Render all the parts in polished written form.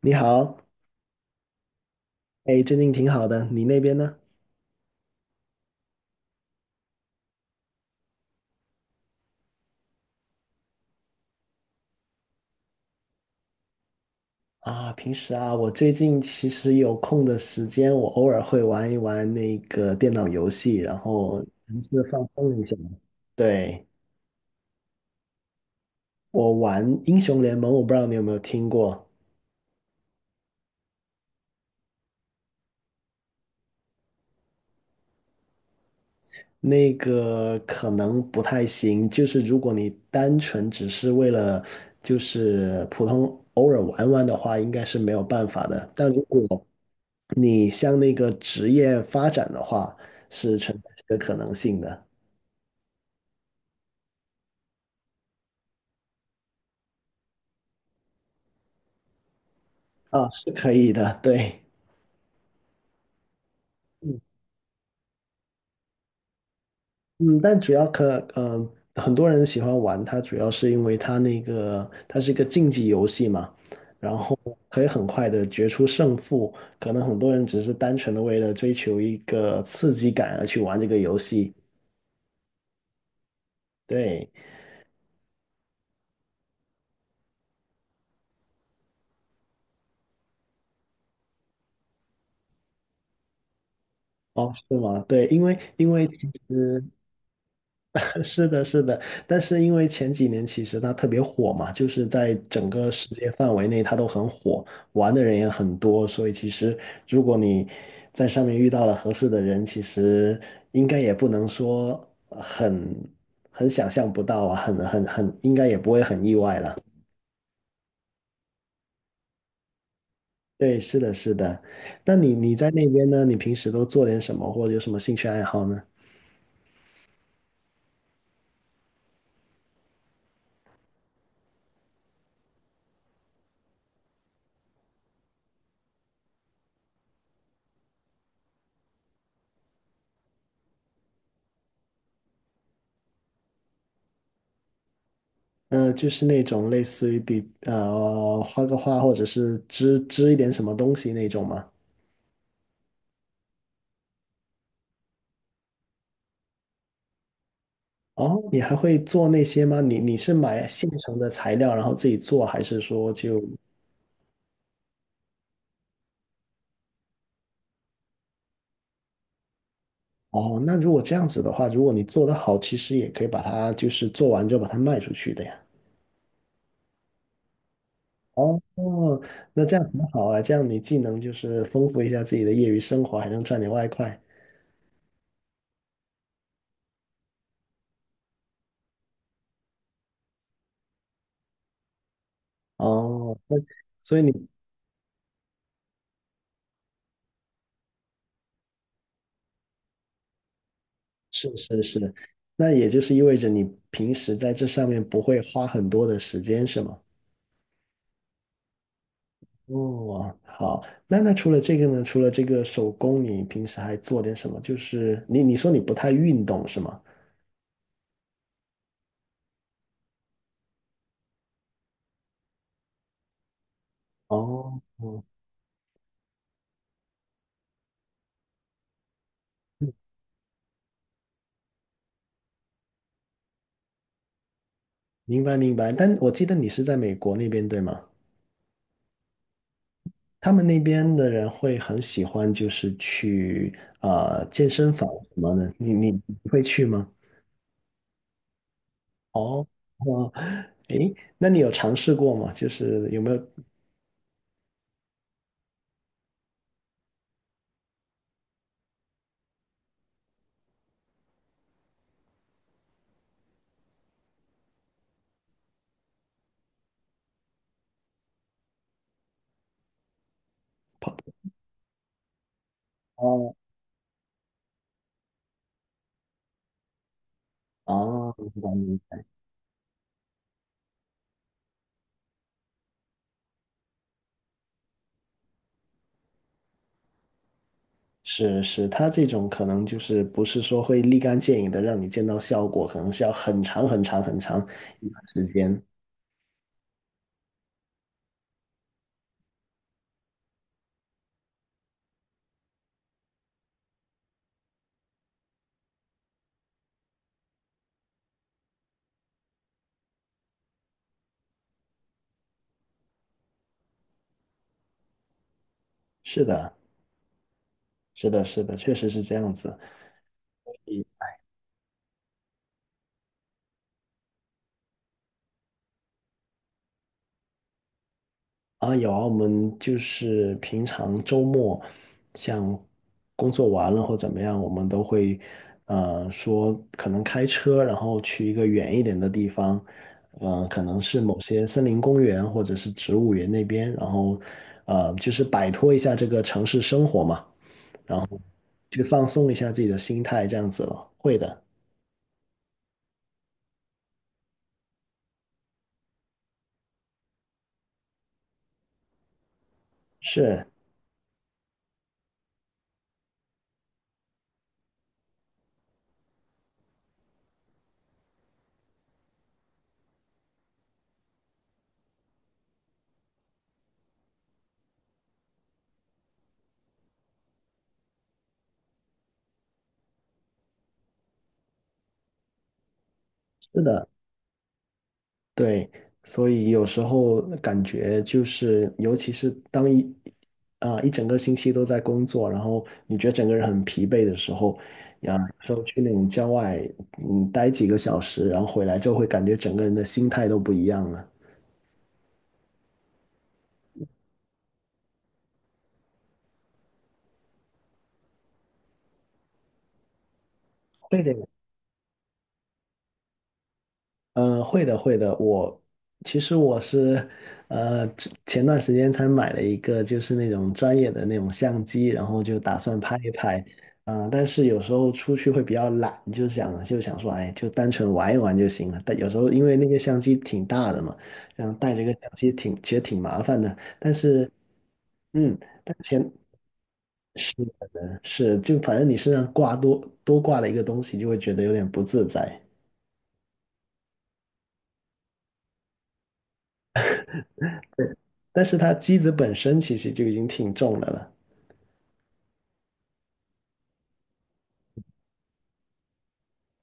你好，哎，最近挺好的，你那边呢？啊，平时啊，我最近其实有空的时间，我偶尔会玩一玩那个电脑游戏，然后尝试放松一下。对，我玩英雄联盟，我不知道你有没有听过，那个可能不太行，就是如果你单纯只是为了普通偶尔玩玩的话，应该是没有办法的。但如果你向那个职业发展的话，是存在这个可能性的。啊，是可以的，对，嗯嗯，但主要可嗯，很多人喜欢玩它，主要是因为它是一个竞技游戏嘛，然后可以很快的决出胜负，可能很多人只是单纯的为了追求一个刺激感而去玩这个游戏。对，哦，是吗？对，因为其实是的，是的，但是因为前几年其实它特别火嘛，就是在整个世界范围内它都很火，玩的人也很多，所以其实如果你在上面遇到了合适的人，其实应该也不能说很想象不到啊，很很很，应该也不会很意外了。对，是的，是的。那你在那边呢？你平时都做点什么，或者有什么兴趣爱好呢？嗯，就是那种类似于画个画，或者是织一点什么东西那种吗？哦，你还会做那些吗？你是买现成的材料，然后自己做，还是说就哦？那如果这样子的话，如果你做得好，其实也可以把它就是做完之后把它卖出去的呀。哦，那这样很好啊，这样你既能就是丰富一下自己的业余生活，还能赚点外快。哦，那所以你。是是是，那也就是意味着你平时在这上面不会花很多的时间，是吗？哦，好，那那除了这个呢？除了这个手工，你平时还做点什么？就是你说你不太运动是吗？哦，哦，明白明白。但我记得你是在美国那边对吗？他们那边的人会很喜欢就是去健身房什么的，你会去吗？哦，哦，诶，那你有尝试过吗？就是有没有跑？哦哦，明白明白。是是，他这种可能就是不是说会立竿见影的让你见到效果，可能需要很长一段时间。是的，是的，是的，确实是这样子。啊，有啊，我们就是平常周末，像工作完了或怎么样，我们都会，说可能开车，然后去一个远一点的地方，可能是某些森林公园或者是植物园那边，然后，就是摆脱一下这个城市生活嘛，去放松一下自己的心态，这样子了。会的，是是的，对，所以有时候感觉就是，尤其是当一啊、一整个星期都在工作，然后你觉得整个人很疲惫的时候，呀，有时候去那种郊外，嗯，待几个小时，然后回来就会感觉整个人的心态都不一样了。对的。嗯，会的，会的。我其实是,之前段时间才买了一个，就是那种专业的那种相机，然后就打算拍一拍。但是有时候出去会比较懒，就想说，哎，就单纯玩一玩就行了。但有时候因为那个相机挺大的嘛，然后带着个相机其实挺麻烦的。但是，嗯，但前是是就反正你身上多挂了一个东西，就会觉得有点不自在。但是它机子本身其实就已经挺重的了。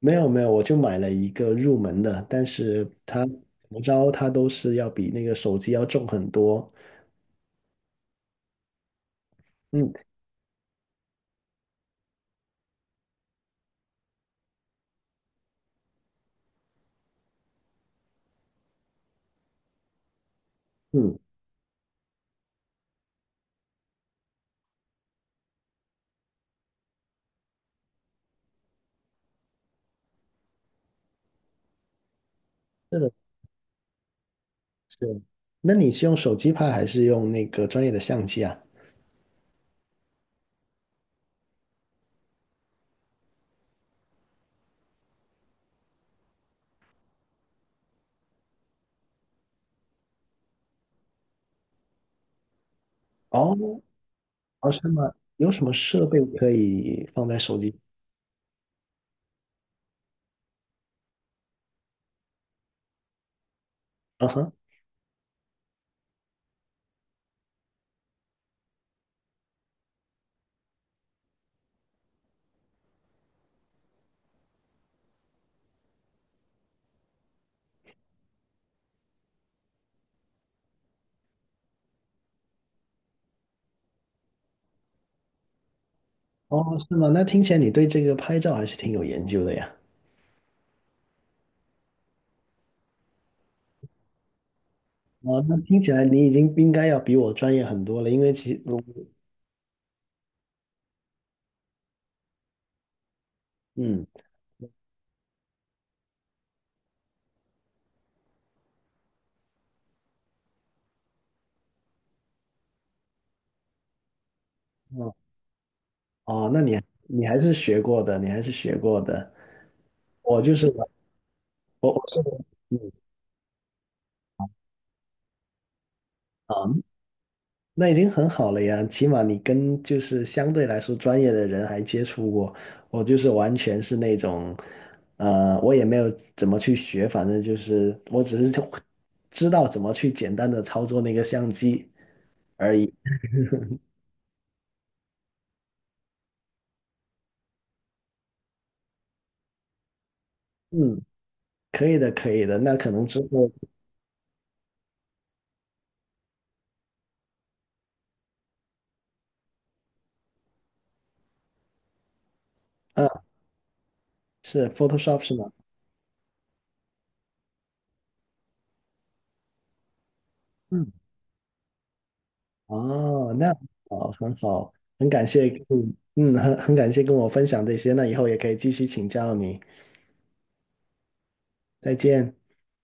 没有没有，我就买了一个入门的，但是它怎么着它都是要比那个手机要重很多。嗯嗯，是的，是。那你是用手机拍还是用那个专业的相机啊？哦哦，是吗？有什么设备可以放在手机？啊哈，哦，是吗？那听起来你对这个拍照还是挺有研究的呀。哦，那听起来你已经应该要比我专业很多了，因为其实，嗯，嗯，哦，那你还是学过的，你还是学过的。我就是我我是嗯，那已经很好了呀，起码你跟就是相对来说专业的人还接触过，我就是完全是那种，我也没有怎么去学，反正就是我只是就知道怎么去简单的操作那个相机而已。嗯，可以的，可以的。那可能之后，啊，是 Photoshop 是吗？嗯，哦，那好，很好，很感谢，嗯嗯，很感谢跟我分享这些，那以后也可以继续请教你，再见。